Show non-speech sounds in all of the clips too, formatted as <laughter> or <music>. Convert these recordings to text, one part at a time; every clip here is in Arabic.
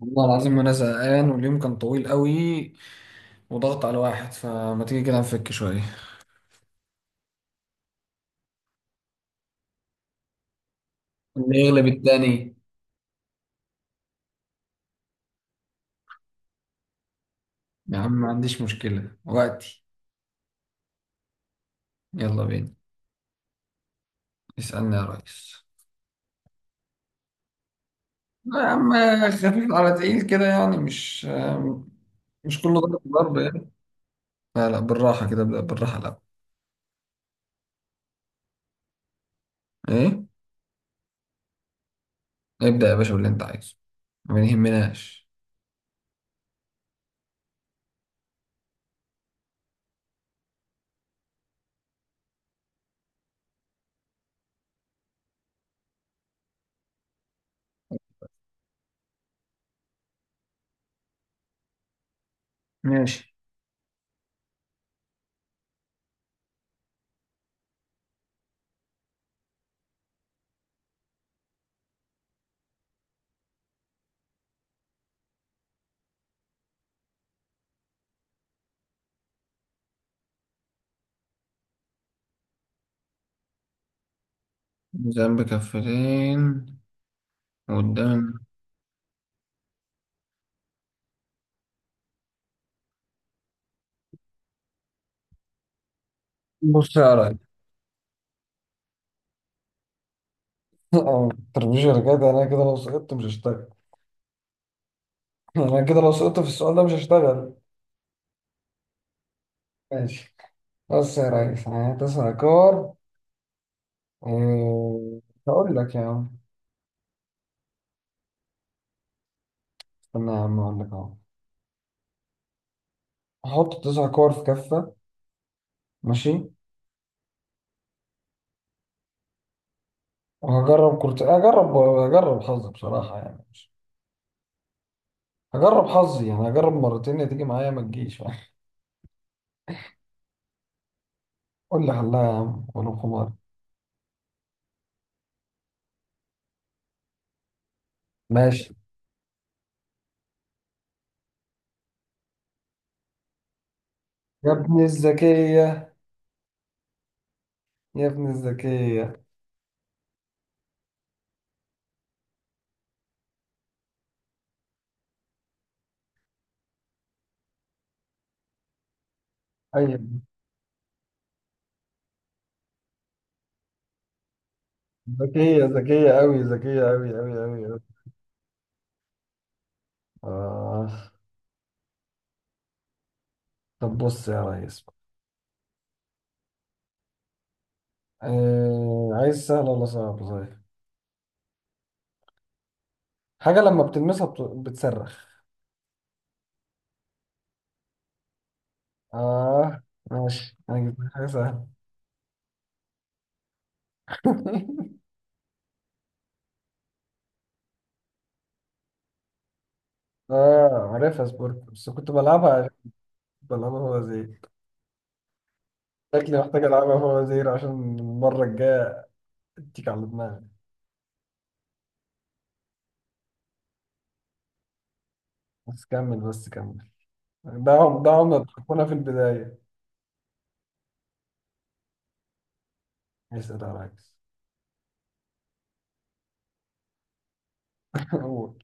والله العظيم انا زهقان واليوم كان طويل قوي وضغط على الواحد، فما تيجي كده نفك شويه. اللي يغلب التاني. يا عم ما عنديش مشكله وقتي. يلا بينا. اسالني يا ريس. لا يا عم، خفيف على تقيل كده، يعني مش كله ضرب ضرب يعني. لا لا، بالراحه كده، ابدا بالراحه الاول. ايه. ابدا يا باشا باللي انت عايزه، ما يهمناش. ماشي. ميزان بكفتين وقدام. بص يا ريس. <laughs> أه، التربيزه كده، انا كده لو سقطت مش هشتغل. <laughs> انا كده لو سقطت في السؤال ده مش هشتغل. ماشي. بص يا ريس، انا هتسأل كور. إيه، هقول لك يا عم. استنى يا عم اقول لك اهو. هحط تسع كور في كفة. ماشي. وهجرب كرة، هجرب حظي بصراحة يعني مش... هجرب حظي، يعني هجرب مرتين، يا تيجي معايا ما تجيش. <laughs> قول لي حلها يا عم ولو خمار. ماشي. يا ابن الذكية. يا ابن الذكية. أيوة. ذكية ذكية أوي، ذكية أوي أوي أوي أوي. آه. طب بص يا ريس، آه عايز سهل ولا صعب صحيح. حاجة لما بتلمسها بتصرخ. آه. ماشي، أنا جبت لك حاجة سهلة. <laughs> آه عارفها سبورت، بس كنت بلعبها. بلعبها هو زي... شكلي محتاج ألعبها هو زي، عشان المرة الجاية أديك على دماغي. بس كمل. ده عملة بتكونها في البداية. اسأل يا ريس. <laughs> أول.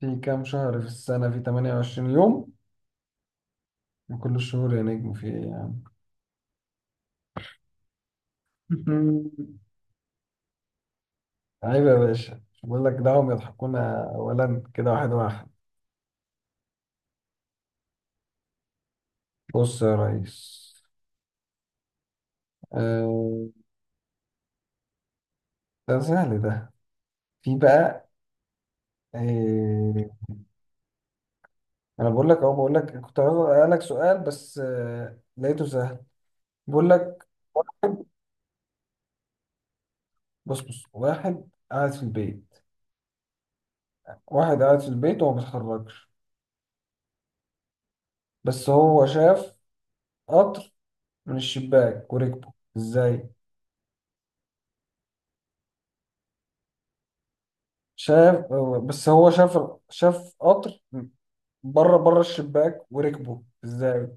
في كام شهر في السنة في 28 يوم، من كل الشهور يا نجم في إيه؟ يعني <laughs> عيب يا باشا، بقول لك دعهم يضحكونا اولا كده واحد واحد. بص يا ريس، آه، ده سهل ده. في بقى، آه، انا بقول لك اهو، بقول لك كنت عاوز اسالك سؤال بس آه، لقيته سهل. بقول لك، بص واحد قاعد في البيت. واحد قاعد في البيت وما بيتحركش، بس هو شاف قطر من الشباك وركبه ازاي. شاف، بس هو شاف، شاف قطر، بره الشباك وركبه ازاي.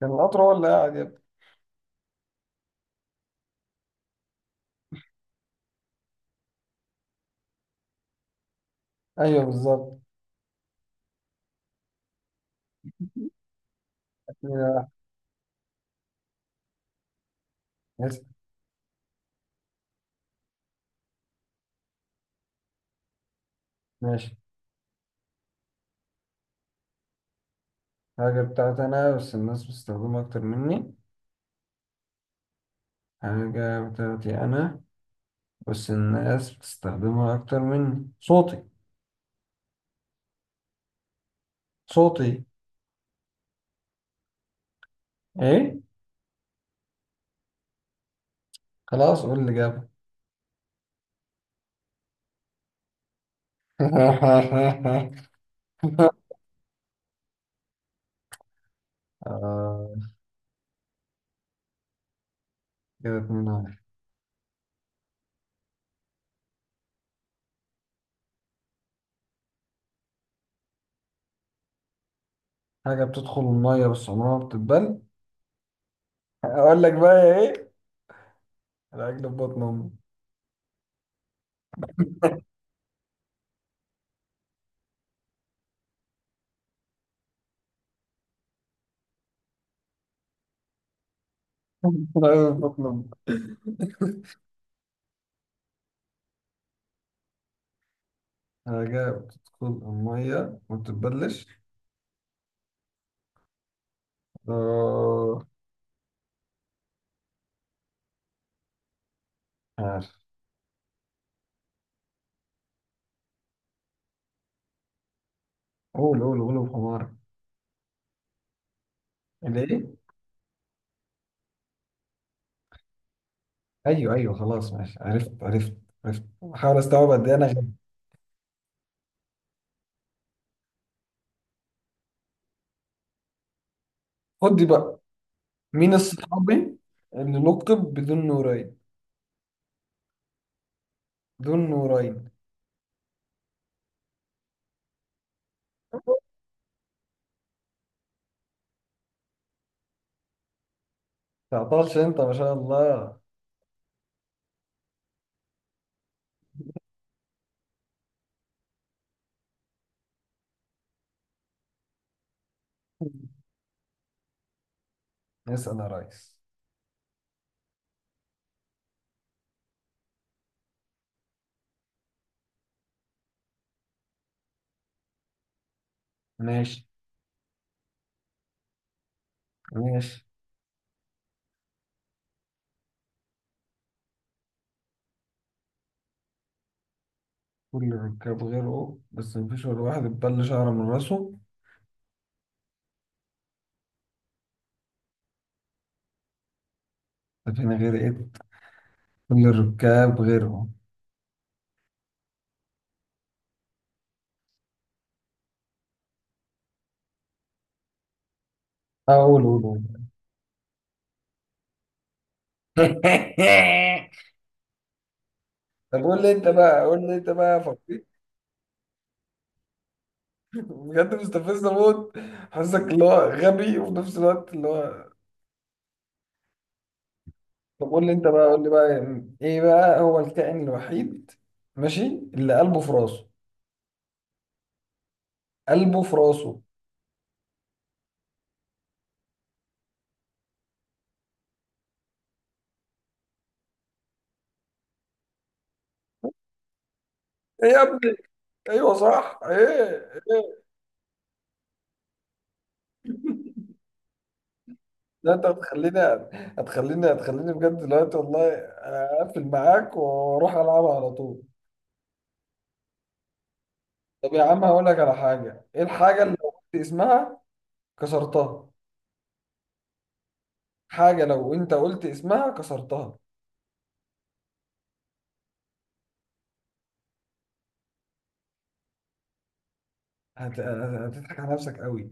كان القطر هو اللي قاعد يبقى. ايوه بالظبط. كده واحد. ماشي. حاجة بتاعتي انا، بس الناس بتستخدمها اكتر مني. حاجة بتاعتي انا، بس الناس بتستخدمها اكتر مني. صوتي. صوتي. ايه؟ خلاص قول اللي جابه. <laughs> آه. كده اتنين واحد. حاجة بتدخل المية بس عمرها ما بتتبل. أقول لك بقى يا إيه؟ العجل في بطن أمي. <laughs> العجل في بطن أمي. حاجة بتدخل المية ما بتتبلش. آه، عارف. قول قول قول بحمار. اللي ايه. ايوه ايوه خلاص ماشي، عرفت عرفت. عرفت، بحاول استوعب قد ايه انا غبي. خد دي بقى، مين الصحابي اللي لقب بدون نورين؟ دون نورين. تعطلش انت ما شاء الله. اسال يا ريس. ماشي. ماشي. كل الركاب غيره بس مفيش ولا واحد اتبل شعره من راسه. ده فينا غير ايه؟ كل الركاب غيره. اقول، قول قول. <laughs> طب قول لي انت بقى، قول لي انت بقى فكر. بجد مستفز موت. حاسسك اللي هو غبي وفي نفس الوقت اللي هو... طب قول لي انت بقى، قول لي بقى يعني ايه بقى هو الكائن الوحيد، ماشي، اللي قلبه في راسه. قلبه في راسه. ايه يا ابني. ايوه صح، ايه ايه. لا انت هتخليني، هتخليني بجد دلوقتي والله. اقفل معاك واروح العبها على طول. طب يا عم هقول لك على حاجه، ايه الحاجه اللي لو قلت اسمها كسرتها؟ حاجه لو انت قلت اسمها كسرتها. هتضحك على نفسك قوي.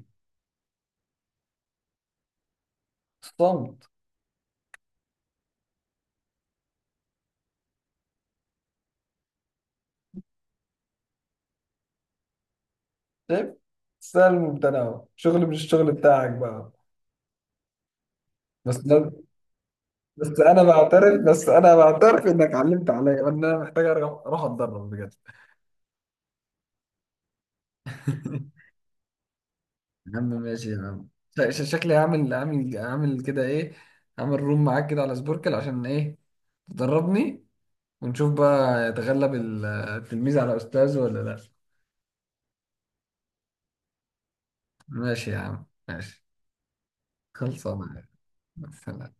صمت. شايف؟ سهل ممتنع، شغل مش الشغل بتاعك بقى. بس لازم، بس انا بعترف بس انا بعترف انك علمت عليا، وان انا محتاج أرجع، اروح اتدرب بجد. <laughs> يا عم ماشي يا عم. شكلي هعمل كده ايه، هعمل روم معاك كده على سبوركل عشان ايه، تدربني. ونشوف بقى يتغلب التلميذ على استاذه ولا لا. ماشي يا عم، ماشي. خلصانه. سلام.